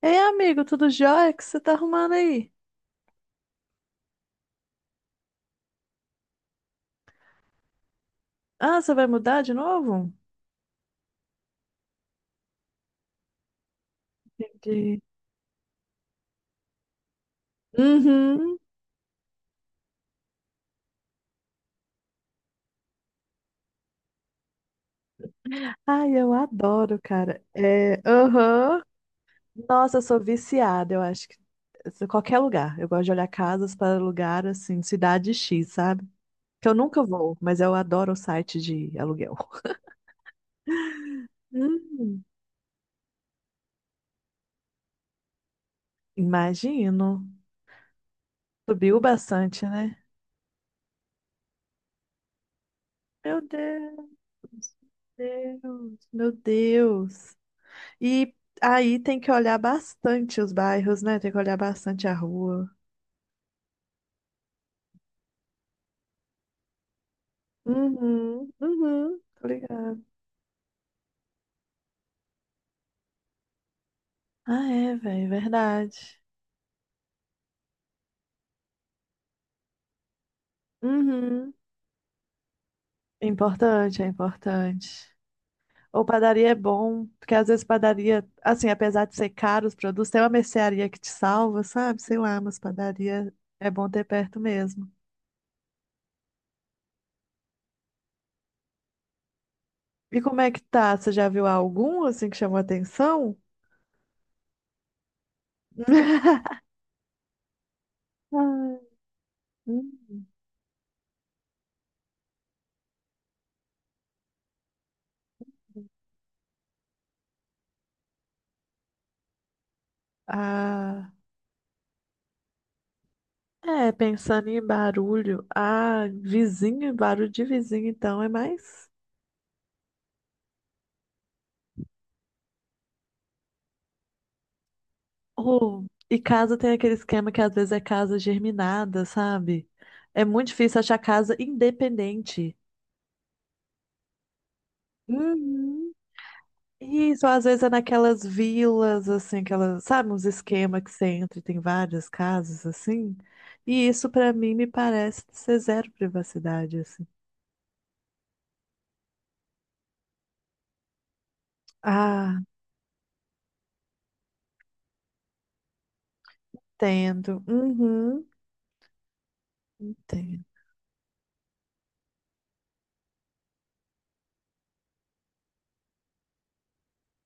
Ei, amigo, tudo jóia? O que você tá arrumando aí? Ah, você vai mudar de novo? Entendi. Uhum. Ai, eu adoro, cara. É, aham. Nossa, eu sou viciada, eu acho que qualquer lugar. Eu gosto de olhar casas para lugar assim, cidade X, sabe? Que eu nunca vou, mas eu adoro o site de aluguel. Hum, imagino. Subiu bastante, né? Meu Deus, meu Deus, meu Deus. E aí tem que olhar bastante os bairros, né? Tem que olhar bastante a rua. Uhum, uhum, tô ligado. Ah, é, velho, verdade. Uhum. É importante, é importante. Ou padaria é bom, porque às vezes padaria, assim, apesar de ser caro os produtos, tem uma mercearia que te salva, sabe? Sei lá, mas padaria é bom ter perto mesmo. E como é que tá? Você já viu algum, assim, que chamou atenção? Ah, hum. Ah, é, pensando em barulho, ah, vizinho, barulho de vizinho, então é mais. Oh, e casa tem aquele esquema que às vezes é casa germinada, sabe? É muito difícil achar casa independente. Uhum. Isso, às vezes é naquelas vilas, assim, aquelas, sabe, uns esquemas que você entra e tem várias casas, assim. E isso pra mim me parece ser zero privacidade, assim. Ah, entendo. Uhum, entendo.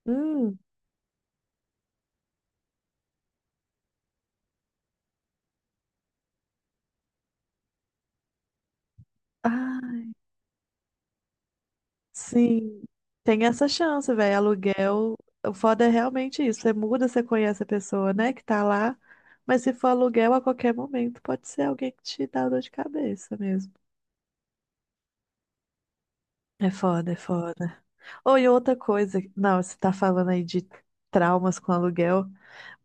Hum. Ah. Sim, tem essa chance, velho. Aluguel, o foda é realmente isso. Você muda, você conhece a pessoa, né, que tá lá, mas se for aluguel a qualquer momento, pode ser alguém que te dá dor de cabeça mesmo. É foda, é foda. Ou e outra coisa, não, você tá falando aí de traumas com aluguel.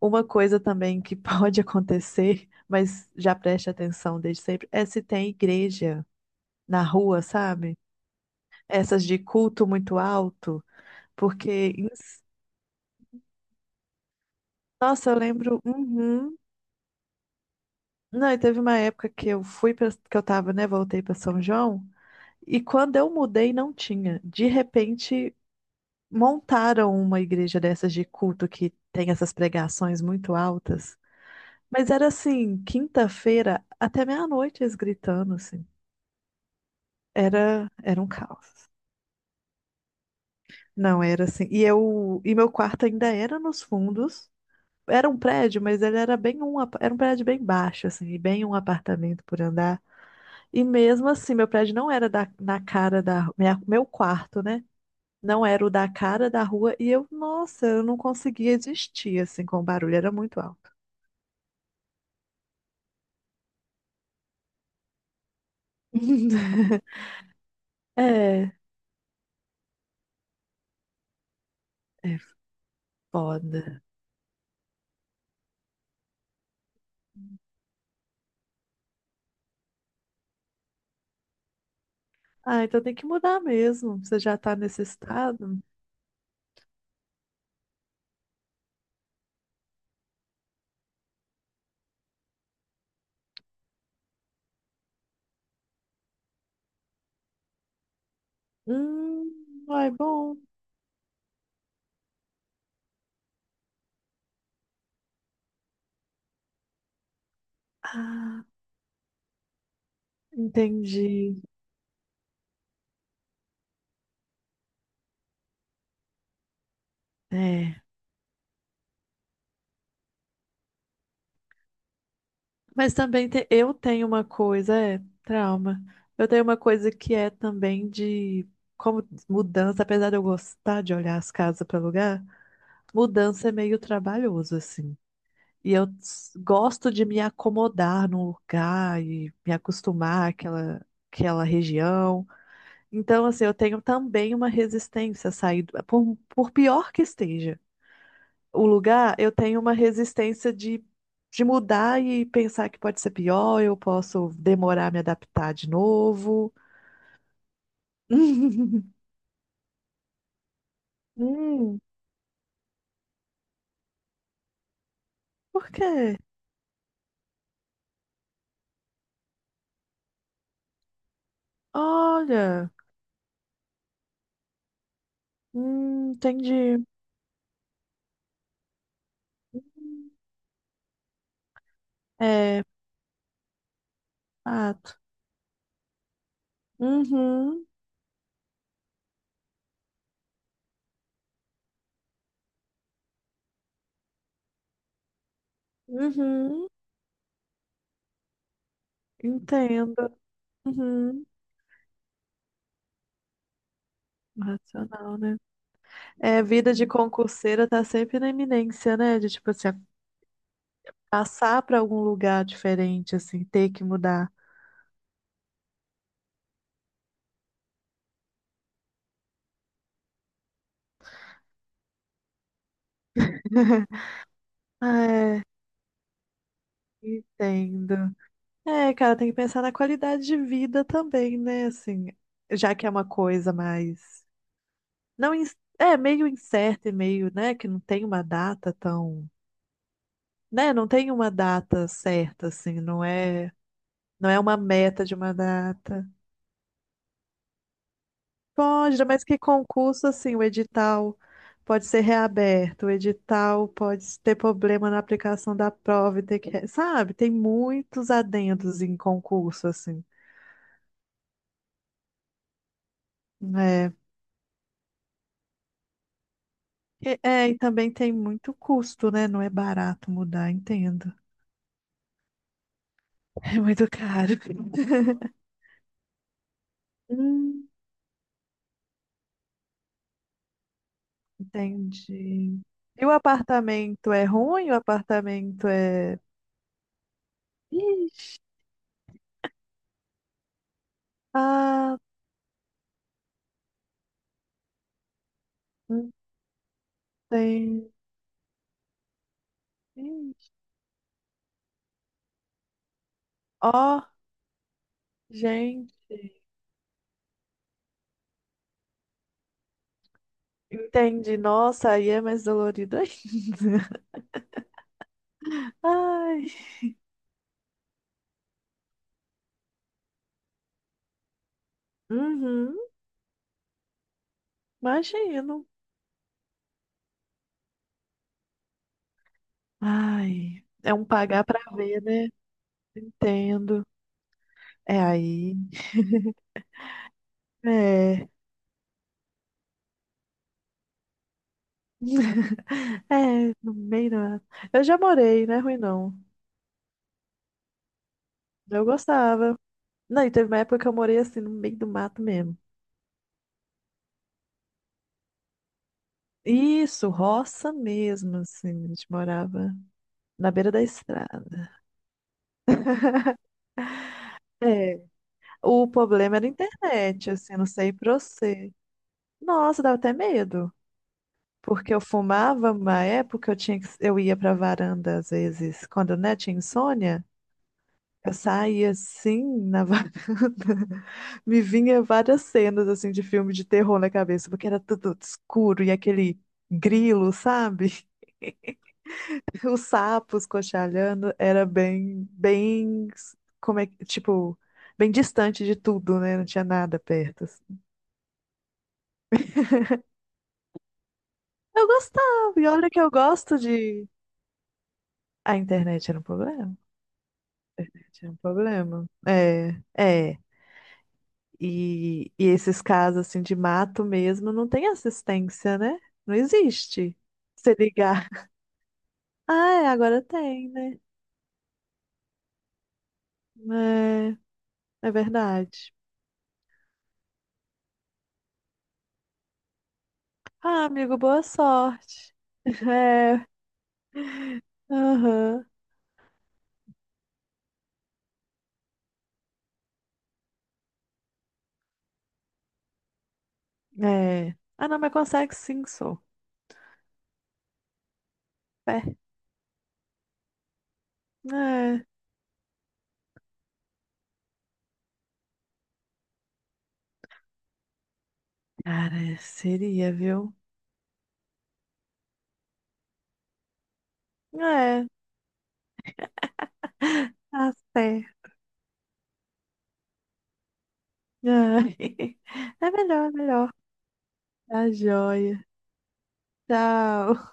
Uma coisa também que pode acontecer, mas já preste atenção desde sempre, é se tem igreja na rua, sabe? Essas de culto muito alto, porque em... Nossa, eu lembro. Uhum. Não, e teve uma época que eu fui para que eu tava, né? Voltei para São João. E quando eu mudei, não tinha. De repente, montaram uma igreja dessas de culto que tem essas pregações muito altas. Mas era assim, quinta-feira até meia-noite eles gritando assim. Era, era um caos. Não, era assim. E eu, e meu quarto ainda era nos fundos. Era um prédio, mas ele era bem um, era um prédio bem baixo assim, e bem um apartamento por andar. E mesmo assim, meu prédio não era da, na cara da minha, meu quarto, né? Não era o da cara da rua e eu, nossa, eu não conseguia existir assim com o barulho, era muito alto. É, é foda. Ah, então tem que mudar mesmo. Você já tá nesse estado? Vai bom. Ah, entendi. É. Mas também eu tenho uma coisa, é, trauma. Eu tenho uma coisa que é também de como mudança, apesar de eu gostar de olhar as casas para alugar, mudança é meio trabalhoso, assim. E eu gosto de me acomodar num lugar e me acostumar àquela, àquela região. Então, assim, eu tenho também uma resistência a sair, por pior que esteja o lugar, eu tenho uma resistência de mudar e pensar que pode ser pior, eu posso demorar a me adaptar de novo. Hum, por quê? Olha, entendi. É, fato. Uhum, uhum, entendo. Uhum. Racional, né? É, vida de concurseira tá sempre na iminência, né? De tipo assim, passar pra algum lugar diferente, assim, ter que mudar. É. Entendo. É, cara, tem que pensar na qualidade de vida também, né? Assim, já que é uma coisa mais. Não, é meio incerta e meio, né? Que não tem uma data tão. Né? Não tem uma data certa, assim, não é. Não é uma meta de uma data. Pode, mas que concurso, assim, o edital pode ser reaberto, o edital pode ter problema na aplicação da prova e ter que. Sabe? Tem muitos adendos em concurso, assim, né. É, e também tem muito custo, né? Não é barato mudar, entendo. É muito caro. Hum, entendi. E o apartamento é ruim? O apartamento é. Ixi, ah, entendi. Ixi, ó, gente. Entendi. Nossa, aí é mais dolorido ainda. Ai. Uhum, imagino. Ai. É um pagar pra ver, né? Entendo. É aí. É. É, no meio da... Eu já morei, não é ruim não. Eu gostava. Não, e teve uma época que eu morei assim, no meio do mato mesmo. Isso, roça mesmo, assim. A gente morava na beira da estrada. É. O problema era a internet, assim, não sei pra você. Nossa, dava até medo. Porque eu fumava uma época, eu tinha que, eu ia pra varanda às vezes, quando, né, tinha insônia. Eu saía assim na varanda, me vinha várias cenas assim de filme de terror na cabeça, porque era tudo escuro e aquele grilo, sabe? Os sapos cochalhando era bem, bem, como é, tipo, bem distante de tudo, né? Não tinha nada perto, assim. Eu gostava, e olha que eu gosto de. A internet era um problema. A... Era um problema. É, é. E esses casos assim de mato mesmo não tem assistência, né? Não existe. Se ligar. Ah, é, agora tem, né? É, é verdade. Ah, amigo, boa sorte. É, aham. É. Ah, não, mas consegue sim, sou. É. É. Cara, seria, viu? É, tá certo. É. É melhor, é melhor. Tá joia. Tchau.